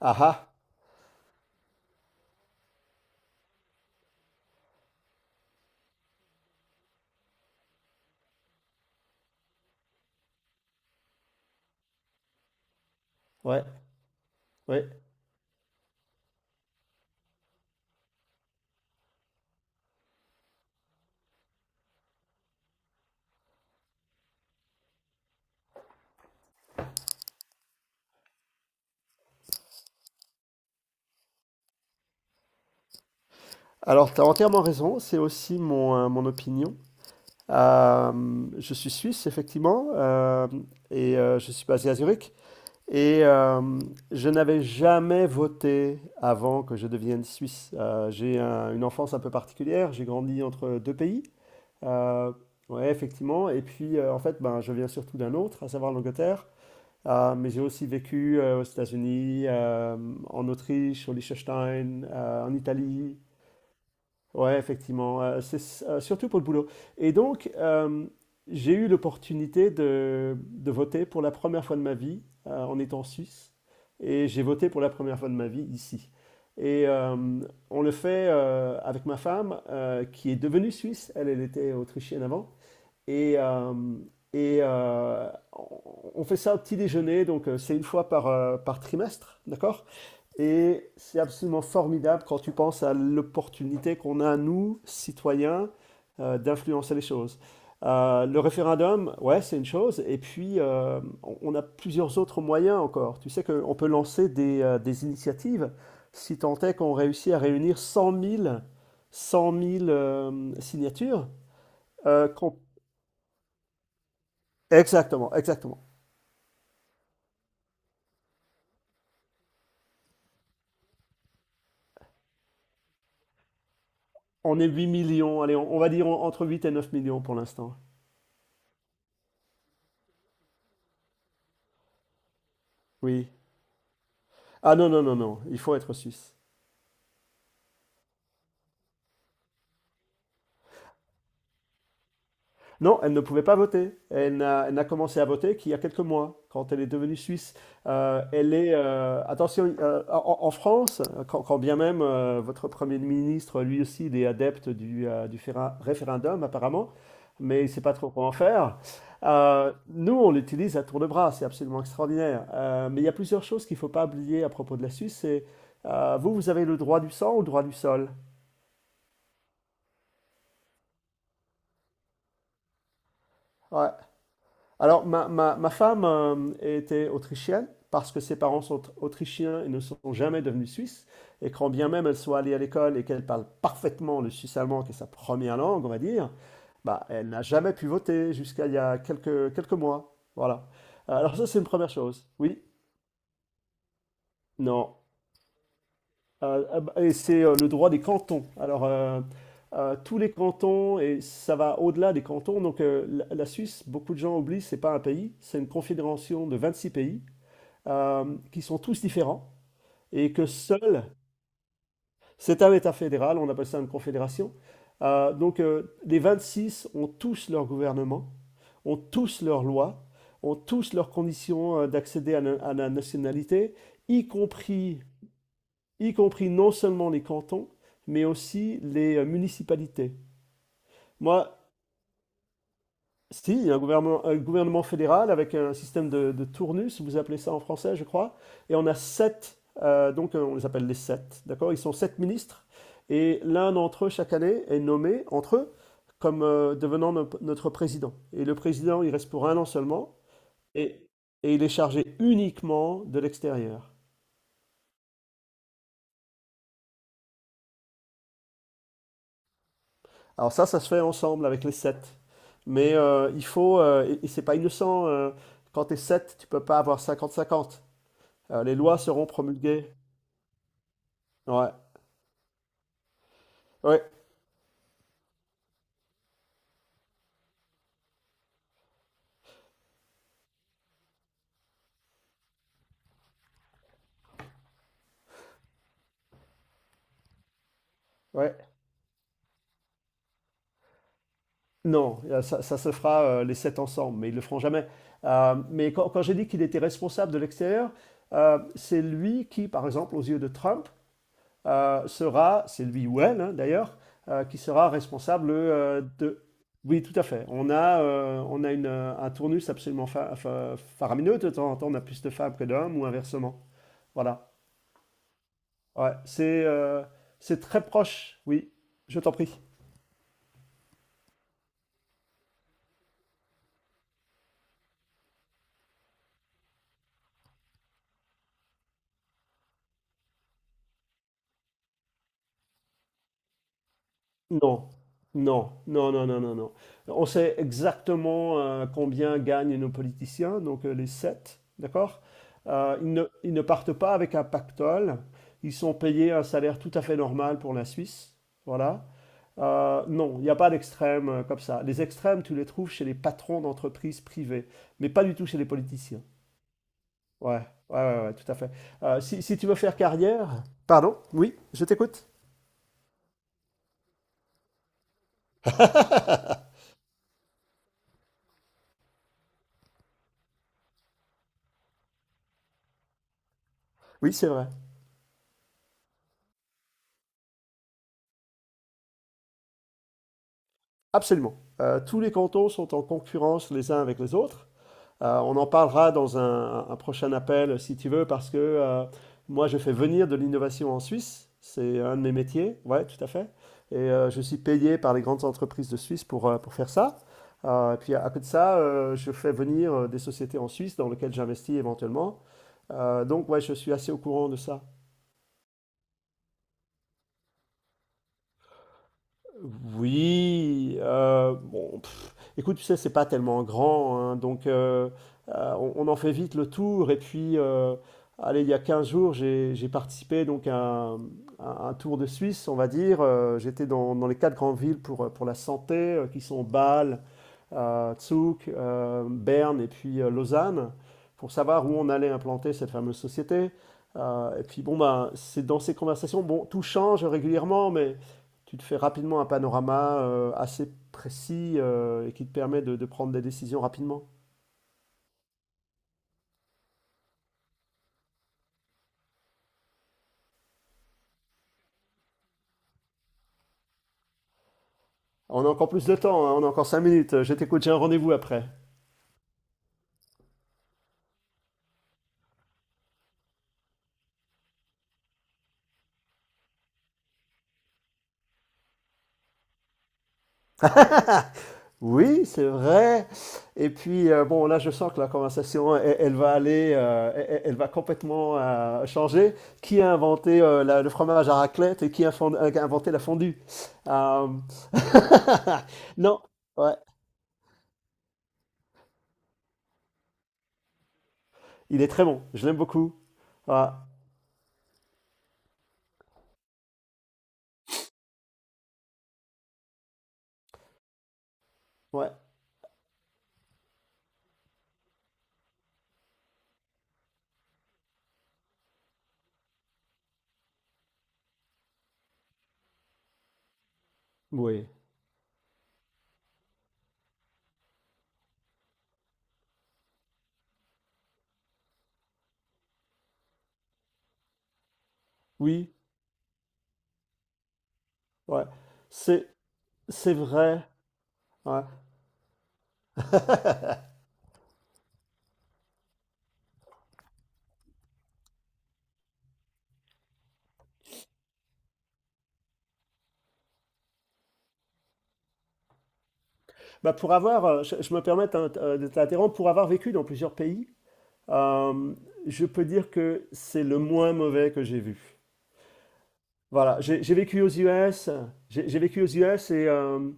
Ah ah, ouais, ouais. Alors, tu as entièrement raison, c'est aussi mon opinion. Je suis suisse, effectivement, et je suis basé à Zurich. Et je n'avais jamais voté avant que je devienne suisse. J'ai une enfance un peu particulière, j'ai grandi entre deux pays. Euh, ouais, effectivement. Et puis, en fait, ben, je viens surtout d'un autre, à savoir l'Angleterre. Mais j'ai aussi vécu aux États-Unis, en Autriche, au Liechtenstein, en Italie. Ouais, effectivement, surtout pour le boulot. Et donc, j'ai eu l'opportunité de voter pour la première fois de ma vie en étant suisse. Et j'ai voté pour la première fois de ma vie ici. Et on le fait avec ma femme, qui est devenue suisse. Elle, elle était autrichienne avant. Et, euh, et on fait ça au petit déjeuner, donc c'est une fois par trimestre, d'accord? Et c'est absolument formidable quand tu penses à l'opportunité qu'on a, nous, citoyens, d'influencer les choses. Le référendum, ouais, c'est une chose, et puis on a plusieurs autres moyens encore. Tu sais qu'on peut lancer des initiatives, si tant est qu'on réussit à réunir cent mille signatures, qu'on exactement, exactement. On est 8 millions, allez, on va dire entre 8 et 9 millions pour l'instant. Oui. Ah non, non, non, non, il faut être suisse. Non, elle ne pouvait pas voter. Elle n'a commencé à voter qu'il y a quelques mois, quand elle est devenue suisse. Elle est, attention, en France, quand bien même votre Premier ministre, lui aussi, il est adepte du référendum, apparemment, mais il ne sait pas trop comment faire. Nous, on l'utilise à tour de bras, c'est absolument extraordinaire. Mais il y a plusieurs choses. Alors, ma femme était autrichienne parce que ses parents sont autrichiens et ne sont jamais devenus suisses. Et quand bien même elle soit allée à l'école et qu'elle parle parfaitement le suisse-allemand, qui est sa première langue, on va dire, bah, elle n'a jamais pu voter jusqu'à il y a quelques mois. Voilà. Alors ça, c'est une première chose. Oui, non. Ah bah, et c'est le droit des cantons. Alors, tous les cantons, et ça va au-delà des cantons, donc la Suisse, beaucoup de gens oublient, c'est pas un pays, c'est une confédération de 26 pays. euh, qui sont tous différents et que seul, c'est un État fédéral, on appelle ça une confédération. Donc les 26 ont tous leur gouvernement, ont tous leurs lois, ont tous leurs conditions d'accéder à la nationalité, y compris, y compris non seulement les cantons, mais aussi les municipalités. Moi, si, il y a un gouvernement fédéral avec un système de tournus, vous appelez ça en français, je crois. Et on a sept, donc on les appelle les sept, d'accord? Ils sont sept ministres et l'un d'entre eux, chaque année, est nommé entre eux comme devenant notre président. Et le président, il reste pour un an seulement, et, et il est chargé uniquement de l'extérieur. Alors ça se fait ensemble avec les sept. Mais il faut, et c'est pas innocent, quand t'es sept, tu peux pas avoir cinquante cinquante. Les lois seront promulguées. Ouais, ouais, ouais. Non, ça, ça se fera les sept ensemble, mais ils le feront jamais. Mais quand j'ai dit qu'il était responsable de l'extérieur, c'est lui qui, par exemple, aux yeux de Trump, sera, c'est lui ou elle hein, d'ailleurs, qui sera responsable de. Oui, tout à fait. Un tournus absolument faramineux. De temps en temps, on a plus de femmes que d'hommes ou inversement. Voilà. Ouais, c'est très proche. Oui, je t'en prie. Non, non, non, non, non, non, non. On sait exactement combien gagnent nos politiciens, donc les sept, d'accord? Ils ne partent pas avec un pactole, ils sont payés un salaire tout à fait normal pour la Suisse, voilà. Non, il n'y a pas d'extrême comme ça. Les extrêmes, tu les trouves chez les patrons d'entreprises privées, mais pas du tout chez les politiciens. Ouais, ouais, ouais, ouais, tout à fait. Si tu veux faire carrière... Pardon? Oui, je t'écoute. Oui, c'est vrai. Absolument. Tous les cantons sont en concurrence les uns avec les autres. On en parlera dans un prochain appel, si tu veux, parce que moi, je fais venir de l'innovation en Suisse. C'est un de mes métiers. Ouais, tout à fait. Et je suis payé par les grandes entreprises de Suisse pour faire ça. Et puis à côté de ça, je fais venir des sociétés en Suisse dans lesquelles j'investis éventuellement. Donc ouais, je suis assez au courant de ça. Oui, bon, pff, écoute, tu sais, c'est pas tellement grand, hein, donc on en fait vite le tour. Et puis, allez, il y a 15 jours, j'ai participé donc à un tour de Suisse, on va dire. J'étais dans les quatre grandes villes pour la santé, qui sont Bâle, à Zug, Berne et puis Lausanne pour savoir où on allait implanter cette fameuse société. Et puis bon, ben, c'est dans ces conversations, bon, tout change régulièrement, mais tu te fais rapidement un panorama assez précis et qui te permet de prendre des décisions rapidement. On a encore plus de temps, hein, on a encore 5 minutes. Je t'écoute, j'ai un rendez-vous après. Oui, c'est vrai. Et puis, bon, là, je sens que la conversation, elle, elle va aller, elle, elle va complètement changer. Qui a inventé le fromage à raclette et qui a inventé la fondue? Euh, Non, ouais, il est très bon. Je l'aime beaucoup. Ouais, ouais, oui, oui, ouais. C'est, c'est vrai. Ouais. Bah, pour avoir, je me permets de t'interrompre, pour avoir vécu dans plusieurs pays, Euh, je peux dire que c'est le moins mauvais que j'ai vu. Voilà, j'ai vécu aux US, j'ai vécu aux US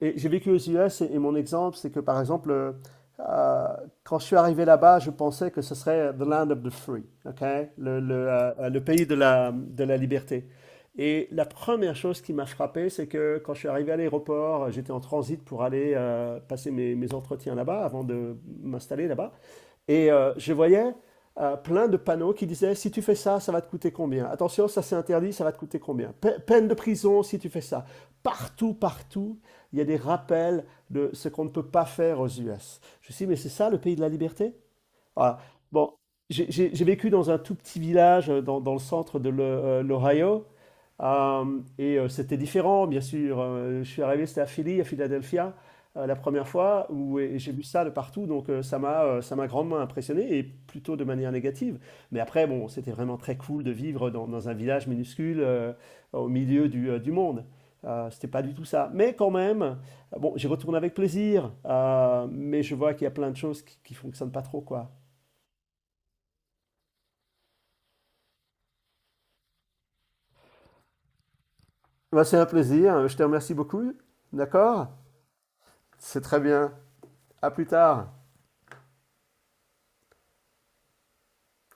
et j'ai vécu aux US et mon exemple, c'est que par exemple, euh, quand je suis arrivé là-bas, je pensais que ce serait the land of the free, ok, le pays de la liberté. Et la première chose qui m'a frappé, c'est que quand je suis arrivé à l'aéroport, j'étais en transit pour aller passer mes entretiens là-bas avant de m'installer là-bas. Et je voyais plein de panneaux qui disaient si tu fais ça, ça va te coûter combien. Attention, ça c'est interdit, ça va te coûter combien. Peine de prison si tu fais ça. Partout, partout, il y a des rappels de ce qu'on ne peut pas faire aux US. Je me suis dit, mais c'est ça le pays de la liberté. Voilà. Bon, j'ai vécu dans un tout petit village dans le centre de l'Ohio. Euh, et c'était différent, bien sûr. Je suis arrivé, c'était à Philly, à Philadelphia, la première fois, où et j'ai vu ça de partout. Donc ça m'a grandement impressionné, et plutôt de manière négative. Mais après, bon, c'était vraiment très cool de vivre dans un village minuscule au milieu du monde. C'était pas du tout ça. Mais quand même, bon, j'y retourne avec plaisir, mais je vois qu'il y a plein de choses qui fonctionnent pas trop, quoi. Bah, c'est un plaisir. Je te remercie beaucoup. D'accord. C'est très bien. À plus tard.